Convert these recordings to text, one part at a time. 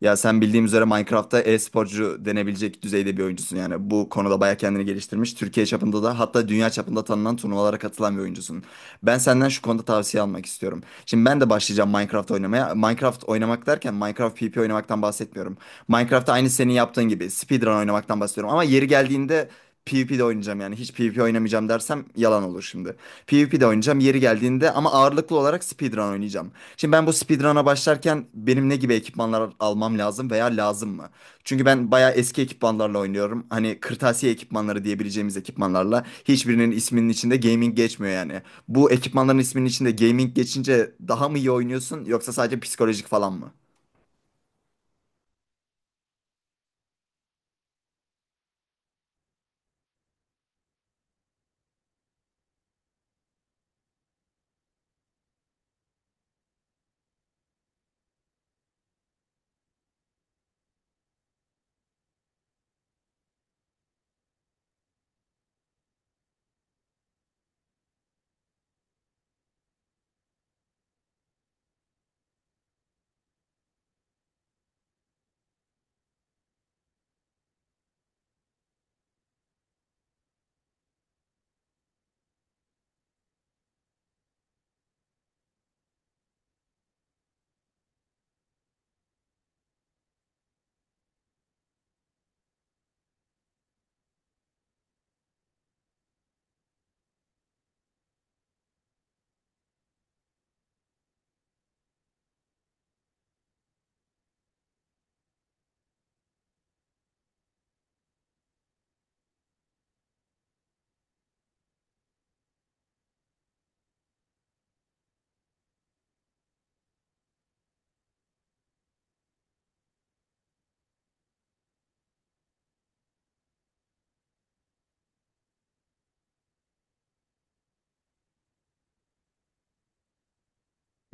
Ya sen bildiğim üzere Minecraft'ta e-sporcu denebilecek düzeyde bir oyuncusun yani. Bu konuda bayağı kendini geliştirmiş. Türkiye çapında da hatta dünya çapında tanınan turnuvalara katılan bir oyuncusun. Ben senden şu konuda tavsiye almak istiyorum. Şimdi ben de başlayacağım Minecraft oynamaya. Minecraft oynamak derken Minecraft PvP oynamaktan bahsetmiyorum. Minecraft'ta aynı senin yaptığın gibi speedrun oynamaktan bahsediyorum. Ama yeri geldiğinde PvP de oynayacağım yani. Hiç PvP oynamayacağım dersem yalan olur şimdi. PvP'de oynayacağım yeri geldiğinde ama ağırlıklı olarak speedrun oynayacağım. Şimdi ben bu speedrun'a başlarken benim ne gibi ekipmanlar almam lazım veya lazım mı? Çünkü ben bayağı eski ekipmanlarla oynuyorum. Hani kırtasiye ekipmanları diyebileceğimiz ekipmanlarla hiçbirinin isminin içinde gaming geçmiyor yani. Bu ekipmanların isminin içinde gaming geçince daha mı iyi oynuyorsun yoksa sadece psikolojik falan mı?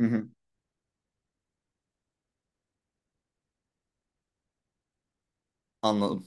Hı hı. Anladım.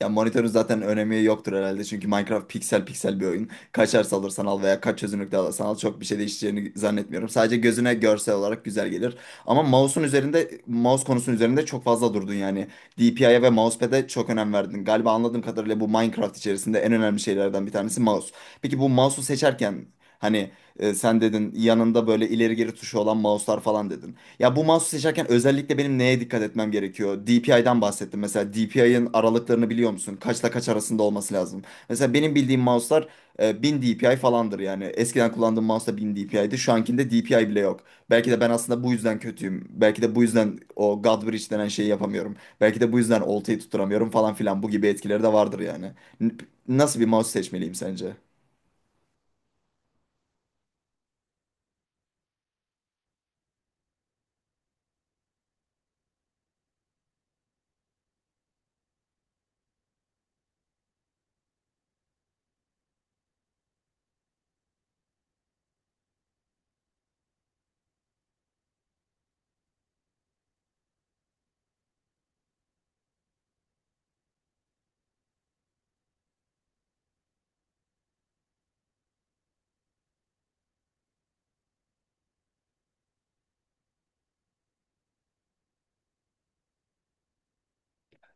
Ya monitörün zaten önemi yoktur herhalde çünkü Minecraft piksel piksel bir oyun. Kaç hertz alırsan al veya kaç çözünürlükte alırsan al çok bir şey değişeceğini zannetmiyorum. Sadece gözüne görsel olarak güzel gelir. Ama mouse'un üzerinde, mouse konusunun üzerinde çok fazla durdun yani. DPI'ye ve mousepad'e çok önem verdin. Galiba anladığım kadarıyla bu Minecraft içerisinde en önemli şeylerden bir tanesi mouse. Peki bu mouse'u seçerken hani sen dedin yanında böyle ileri geri tuşu olan mouse'lar falan dedin. Ya bu mouse'u seçerken özellikle benim neye dikkat etmem gerekiyor? DPI'den bahsettim. Mesela DPI'ın aralıklarını biliyor musun? Kaçla kaç arasında olması lazım. Mesela benim bildiğim mouse'lar 1000 DPI falandır yani. Eskiden kullandığım mouse da 1000 idi. Şu ankinde DPI bile yok. Belki de ben aslında bu yüzden kötüyüm. Belki de bu yüzden o God Bridge denen şeyi yapamıyorum. Belki de bu yüzden oltayı tutturamıyorum falan filan. Bu gibi etkileri de vardır yani. N- Nasıl bir mouse seçmeliyim sence?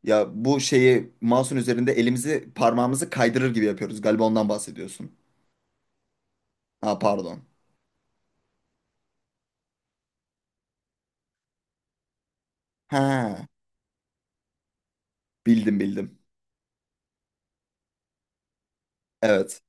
Ya bu şeyi mouse'un üzerinde elimizi parmağımızı kaydırır gibi yapıyoruz. Galiba ondan bahsediyorsun. Ha pardon. Ha bildim bildim. Evet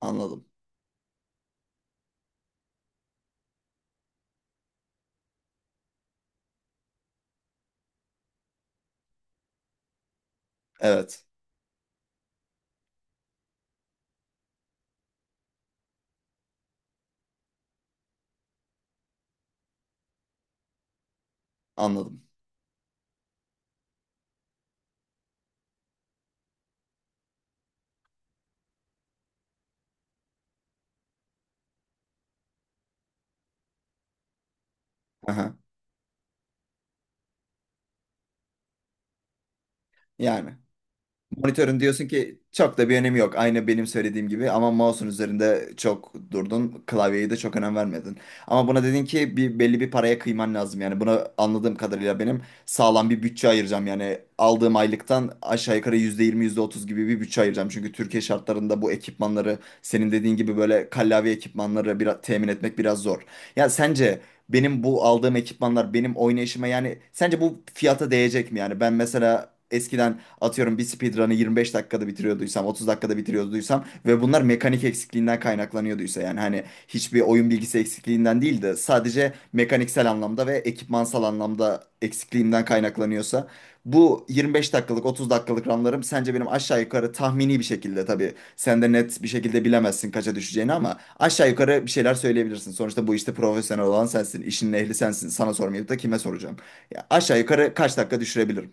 anladım. Evet anladım. Aha. Yani Monitörün diyorsun ki çok da bir önemi yok. Aynı benim söylediğim gibi ama mouse'un üzerinde çok durdun. Klavyeye de çok önem vermedin. Ama buna dedin ki bir belli bir paraya kıyman lazım. Yani buna anladığım kadarıyla benim sağlam bir bütçe ayıracağım. Yani aldığım aylıktan aşağı yukarı %20 yüzde otuz gibi bir bütçe ayıracağım. Çünkü Türkiye şartlarında bu ekipmanları senin dediğin gibi böyle kallavi ekipmanları biraz temin etmek biraz zor. Ya sence benim bu aldığım ekipmanlar benim oynayışıma yani sence bu fiyata değecek mi? Yani ben mesela eskiden atıyorum bir speedrun'ı 25 dakikada bitiriyorduysam 30 dakikada bitiriyorduysam ve bunlar mekanik eksikliğinden kaynaklanıyorduysa yani hani hiçbir oyun bilgisi eksikliğinden değil de sadece mekaniksel anlamda ve ekipmansal anlamda eksikliğimden kaynaklanıyorsa bu 25 dakikalık 30 dakikalık runlarım sence benim aşağı yukarı tahmini bir şekilde tabii sen de net bir şekilde bilemezsin kaça düşeceğini ama aşağı yukarı bir şeyler söyleyebilirsin. Sonuçta bu işte profesyonel olan sensin, işin ehli sensin. Sana sormayıp da kime soracağım? Ya aşağı yukarı kaç dakika düşürebilirim?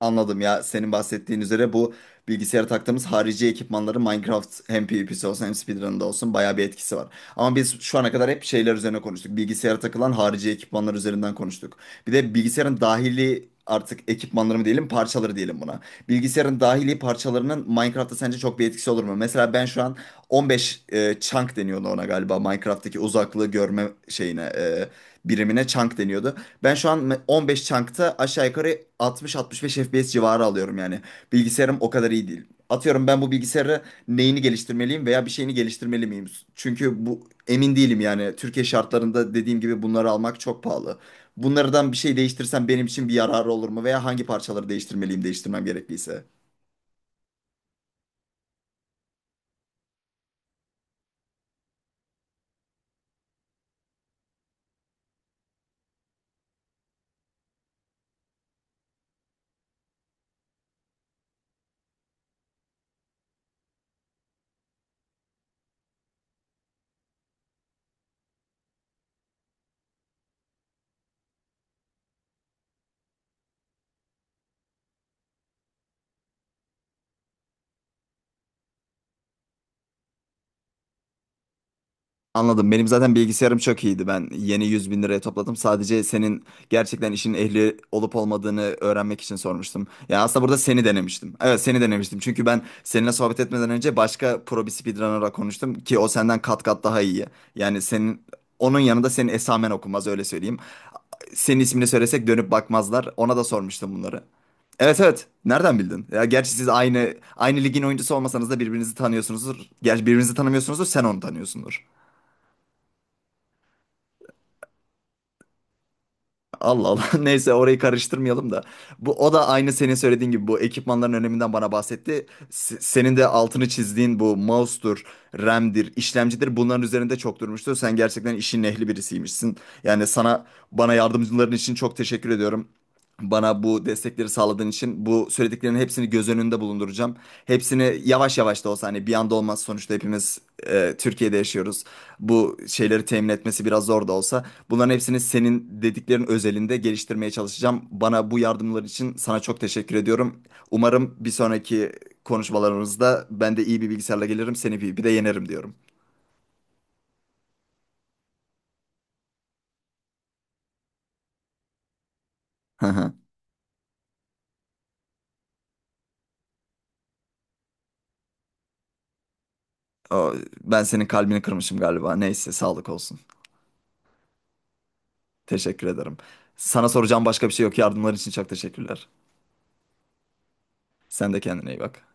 Anladım, ya senin bahsettiğin üzere bu bilgisayara taktığımız harici ekipmanların Minecraft hem PvP'si olsun hem speedrun'da olsun bayağı bir etkisi var. Ama biz şu ana kadar hep şeyler üzerine konuştuk. Bilgisayara takılan harici ekipmanlar üzerinden konuştuk. Bir de bilgisayarın dahili artık ekipmanları mı diyelim parçaları diyelim buna. Bilgisayarın dahili parçalarının Minecraft'ta sence çok bir etkisi olur mu? Mesela ben şu an 15 chunk deniyordu ona galiba, Minecraft'taki uzaklığı görme şeyine birimine chunk deniyordu. Ben şu an 15 chunk'ta aşağı yukarı 60-65 FPS civarı alıyorum yani. Bilgisayarım o kadar iyi değil. Atıyorum ben bu bilgisayarı neyini geliştirmeliyim veya bir şeyini geliştirmeli miyim? Çünkü bu emin değilim yani. Türkiye şartlarında dediğim gibi bunları almak çok pahalı. Bunlardan bir şey değiştirsem benim için bir yararı olur mu veya hangi parçaları değiştirmeliyim değiştirmem gerekliyse? Anladım. Benim zaten bilgisayarım çok iyiydi. Ben yeni 100.000 liraya topladım. Sadece senin gerçekten işin ehli olup olmadığını öğrenmek için sormuştum. Ya aslında burada seni denemiştim. Evet seni denemiştim. Çünkü ben seninle sohbet etmeden önce başka pro bir speedrunner'la konuştum ki o senden kat kat daha iyi. Yani senin onun yanında senin esamen okunmaz öyle söyleyeyim. Senin ismini söylesek dönüp bakmazlar. Ona da sormuştum bunları. Evet evet. Nereden bildin? Ya gerçi siz aynı ligin oyuncusu olmasanız da birbirinizi tanıyorsunuzdur. Gerçi birbirinizi tanımıyorsunuzdur. Sen onu tanıyorsundur. Allah Allah. Neyse orayı karıştırmayalım da. Bu o da aynı senin söylediğin gibi bu ekipmanların öneminden bana bahsetti. Senin de altını çizdiğin bu mouse'dur, RAM'dir, işlemcidir. Bunların üzerinde çok durmuştu. Sen gerçekten işin ehli birisiymişsin. Yani sana bana yardımcıların için çok teşekkür ediyorum. Bana bu destekleri sağladığın için bu söylediklerinin hepsini göz önünde bulunduracağım. Hepsini yavaş yavaş da olsa hani bir anda olmaz sonuçta hepimiz Türkiye'de yaşıyoruz. Bu şeyleri temin etmesi biraz zor da olsa bunların hepsini senin dediklerin özelinde geliştirmeye çalışacağım. Bana bu yardımlar için sana çok teşekkür ediyorum. Umarım bir sonraki konuşmalarımızda ben de iyi bir bilgisayarla gelirim, seni bir de yenerim diyorum. Hı hı. O, ben senin kalbini kırmışım galiba. Neyse sağlık olsun. Teşekkür ederim. Sana soracağım başka bir şey yok. Yardımların için çok teşekkürler. Sen de kendine iyi bak.